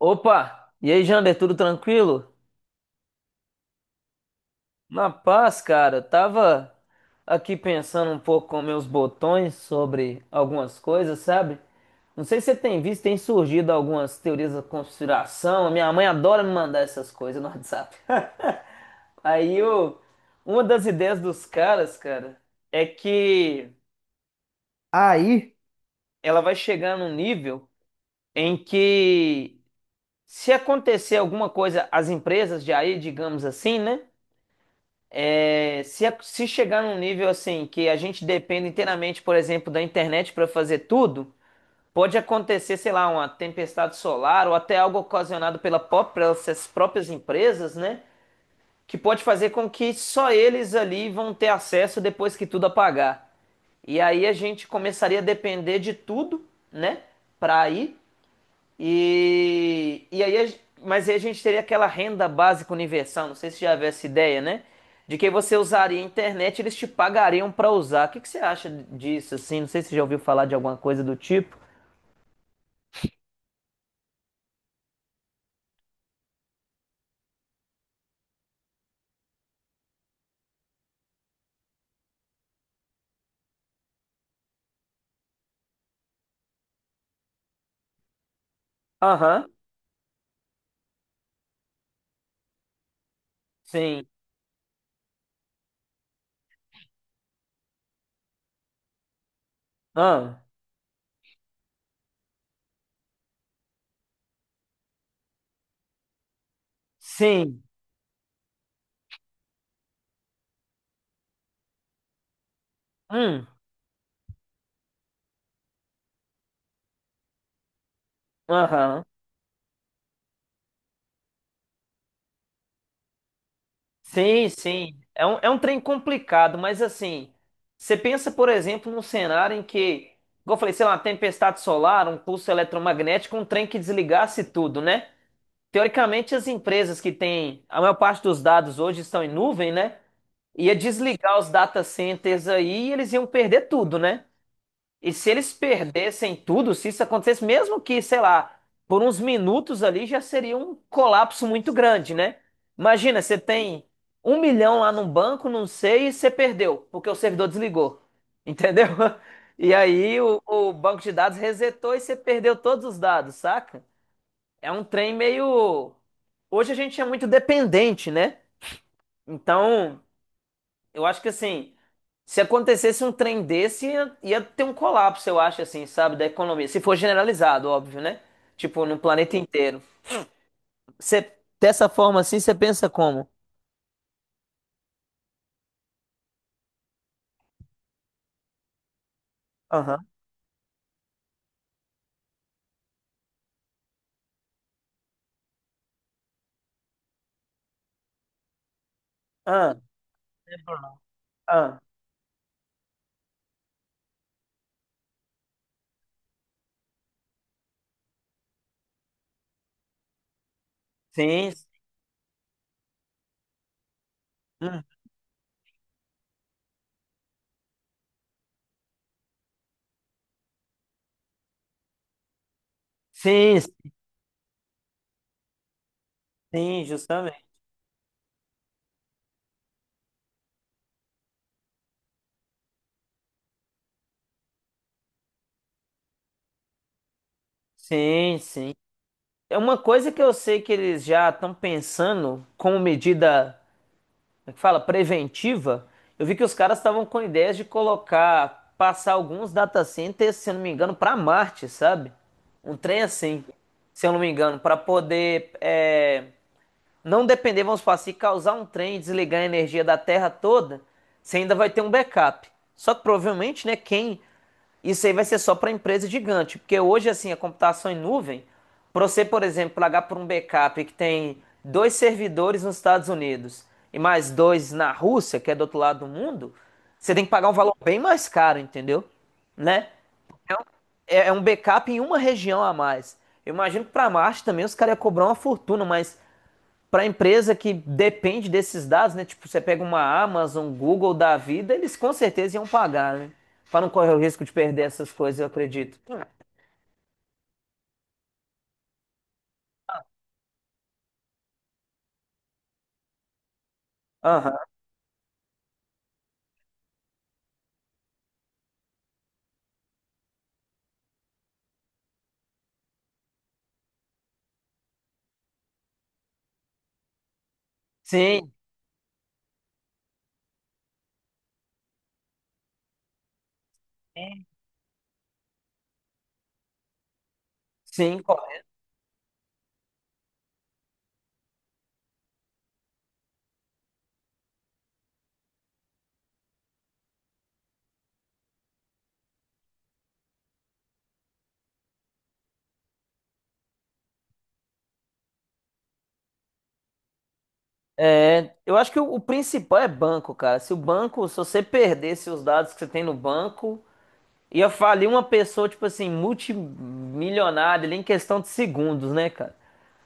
Opa! E aí, Jander, tudo tranquilo? Na paz, cara. Eu tava aqui pensando um pouco com meus botões sobre algumas coisas, sabe? Não sei se você tem visto, tem surgido algumas teorias da conspiração. Minha mãe adora me mandar essas coisas no WhatsApp. Aí, o- uma das ideias dos caras, cara, é que, aí, ela vai chegar num nível em que, se acontecer alguma coisa, as empresas de aí, digamos assim, né? Se chegar num nível assim que a gente depende inteiramente, por exemplo, da internet para fazer tudo, pode acontecer, sei lá, uma tempestade solar ou até algo ocasionado pela pelas próprias empresas, né? Que pode fazer com que só eles ali vão ter acesso depois que tudo apagar. E aí a gente começaria a depender de tudo, né? Para ir. Mas aí a gente teria aquela renda básica universal, não sei se já havia essa ideia, né? De que você usaria a internet, e eles te pagariam para usar. O que que você acha disso, assim? Não sei se você já ouviu falar de alguma coisa do tipo. Aham, sim. Ah, sim. Hum, aham. Sim, sim. É um trem complicado, mas assim, você pensa, por exemplo, num cenário em que, igual eu falei, sei lá, uma tempestade solar, um pulso eletromagnético, um trem que desligasse tudo, né? Teoricamente, as empresas que têm a maior parte dos dados hoje estão em nuvem, né? Ia desligar os data centers aí e eles iam perder tudo, né? E se eles perdessem tudo, se isso acontecesse, mesmo que, sei lá, por uns minutos ali, já seria um colapso muito grande, né? Imagina, você tem um milhão lá num banco, não sei, e você perdeu, porque o servidor desligou, entendeu? E aí o banco de dados resetou e você perdeu todos os dados, saca? É um trem meio. Hoje a gente é muito dependente, né? Então, eu acho que assim, se acontecesse um trem desse, ia ter um colapso, eu acho, assim, sabe, da economia. Se for generalizado, óbvio, né? Tipo, no planeta inteiro. Você, dessa forma assim, você pensa como? Aham. Ah, ah. Sim, sim, hum, sim, sim, justamente. Sim, sim. É uma coisa que eu sei que eles já estão pensando como medida. Como é que fala? Preventiva, eu vi que os caras estavam com ideias de colocar, passar alguns data centers, se eu não me engano, para Marte, sabe? Um trem assim, se eu não me engano, para poder, é, não depender, vamos falar assim, causar um trem e desligar a energia da Terra toda, você ainda vai ter um backup. Só que provavelmente, né, quem, isso aí vai ser só para empresa gigante, porque hoje, assim, a computação em nuvem, para você, por exemplo, pagar por um backup que tem dois servidores nos Estados Unidos e mais dois na Rússia, que é do outro lado do mundo, você tem que pagar um valor bem mais caro, entendeu? Né? É um backup em uma região a mais. Eu imagino que para Marte também os caras iam cobrar uma fortuna, mas para a empresa que depende desses dados, né? Tipo, você pega uma Amazon, Google da vida, eles com certeza iam pagar, né? Para não correr o risco de perder essas coisas, eu acredito. Aham. Sim, sim. Correto. É, eu acho que o principal é banco, cara. Se o banco, se você perdesse os dados que você tem no banco, ia falir uma pessoa, tipo assim, multimilionária ali em questão de segundos, né, cara?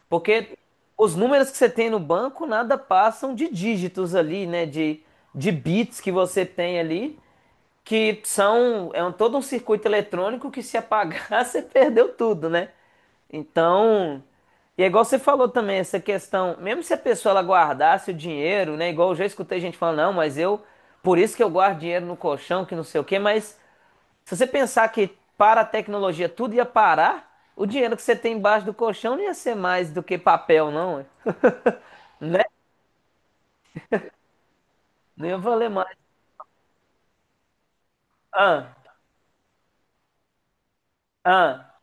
Porque os números que você tem no banco nada passam de dígitos ali, né? De bits que você tem ali, que são, é um, todo um circuito eletrônico que se apagar você perdeu tudo, né? Então, e é igual você falou também, essa questão, mesmo se a pessoa ela guardasse o dinheiro, né? Igual eu já escutei gente falando, não, mas eu, por isso que eu guardo dinheiro no colchão, que não sei o quê, mas se você pensar que para a tecnologia tudo ia parar, o dinheiro que você tem embaixo do colchão não ia ser mais do que papel, não, né? Não ia valer mais. Ah, ah,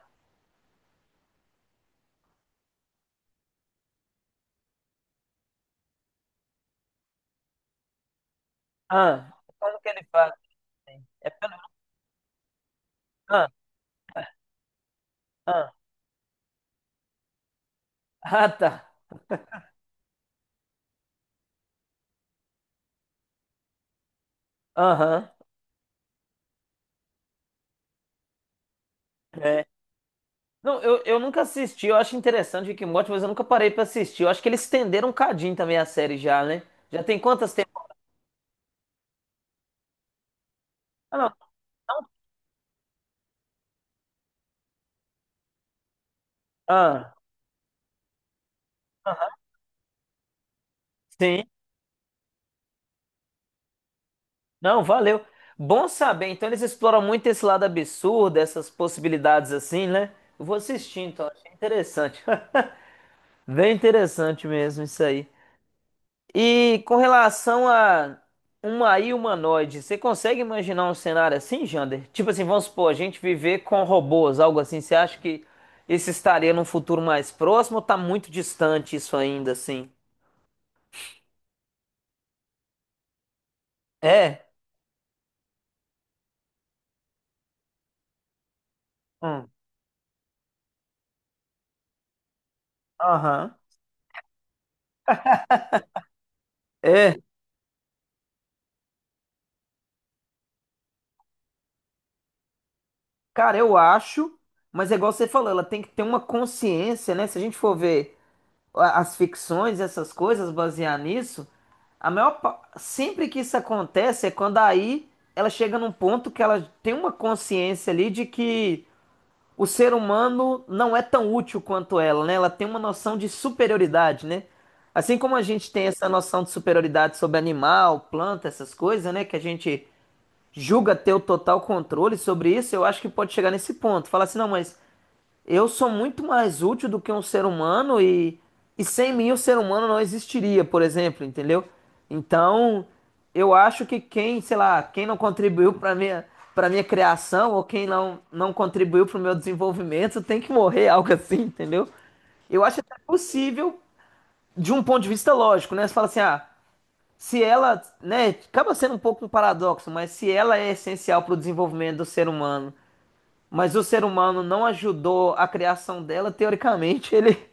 ah. Como que ele fala? Assim? É pelo. Ah, ah. Ah, tá. Aham. É. Não, eu nunca assisti, eu acho interessante Rick and Morty, mas eu nunca parei pra assistir. Eu acho que eles estenderam um cadinho também a série já, né? Já tem quantas temporadas? Ah, não. Ah, aham. Sim. Não, valeu. Bom saber. Então eles exploram muito esse lado absurdo, essas possibilidades assim, né? Eu vou assistir, então. Achei interessante. Bem interessante mesmo isso aí. E com relação a uma AI humanoide, você consegue imaginar um cenário assim, Jander? Tipo assim, vamos supor, a gente viver com robôs, algo assim. Você acha que isso estaria num futuro mais próximo ou tá muito distante isso ainda, assim? É. Hum. Aham. Cara, eu acho, mas é igual você falou, ela tem que ter uma consciência, né? Se a gente for ver as ficções, essas coisas, basear nisso, sempre que isso acontece é quando, aí, ela chega num ponto que ela tem uma consciência ali de que o ser humano não é tão útil quanto ela, né? Ela tem uma noção de superioridade, né? Assim como a gente tem essa noção de superioridade sobre animal, planta, essas coisas, né? Que a gente julga ter o total controle sobre isso, eu acho que pode chegar nesse ponto. Falar assim, não, mas eu sou muito mais útil do que um ser humano e sem mim o ser humano não existiria, por exemplo, entendeu? Então, eu acho que quem, sei lá, quem não contribuiu para minha, para minha criação ou quem não contribuiu para o meu desenvolvimento tem que morrer, algo assim, entendeu? Eu acho até possível de um ponto de vista lógico, né? Você fala assim, ah, se ela, né, acaba sendo um pouco um paradoxo, mas se ela é essencial para o desenvolvimento do ser humano, mas o ser humano não ajudou a criação dela, teoricamente ele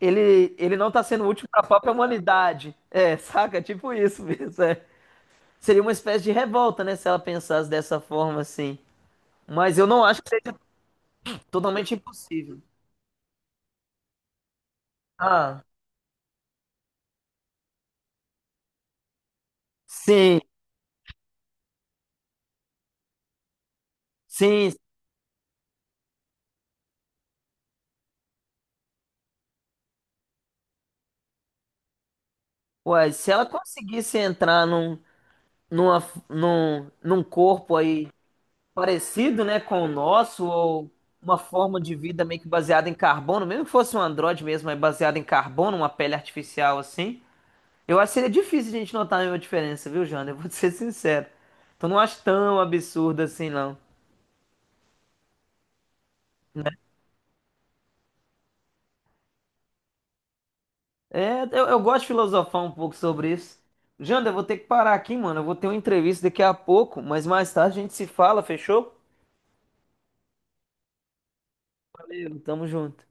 ele ele não está sendo útil para a própria humanidade. É, saca? Tipo isso mesmo, é. Seria uma espécie de revolta, né, se ela pensasse dessa forma assim. Mas eu não acho que seja totalmente impossível. Ah, sim, sim. Ué, se ela conseguisse entrar num, numa, num corpo aí parecido, né, com o nosso, ou uma forma de vida meio que baseada em carbono, mesmo que fosse um androide mesmo, é baseado em carbono, uma pele artificial assim. Eu acho que seria difícil a gente notar nenhuma diferença, viu, Jana? Eu vou te ser sincero. Então não acho tão absurdo assim, não. É, eu gosto de filosofar um pouco sobre isso. Janda, eu vou ter que parar aqui, mano. Eu vou ter uma entrevista daqui a pouco, mas mais tarde a gente se fala, fechou? Valeu, tamo junto.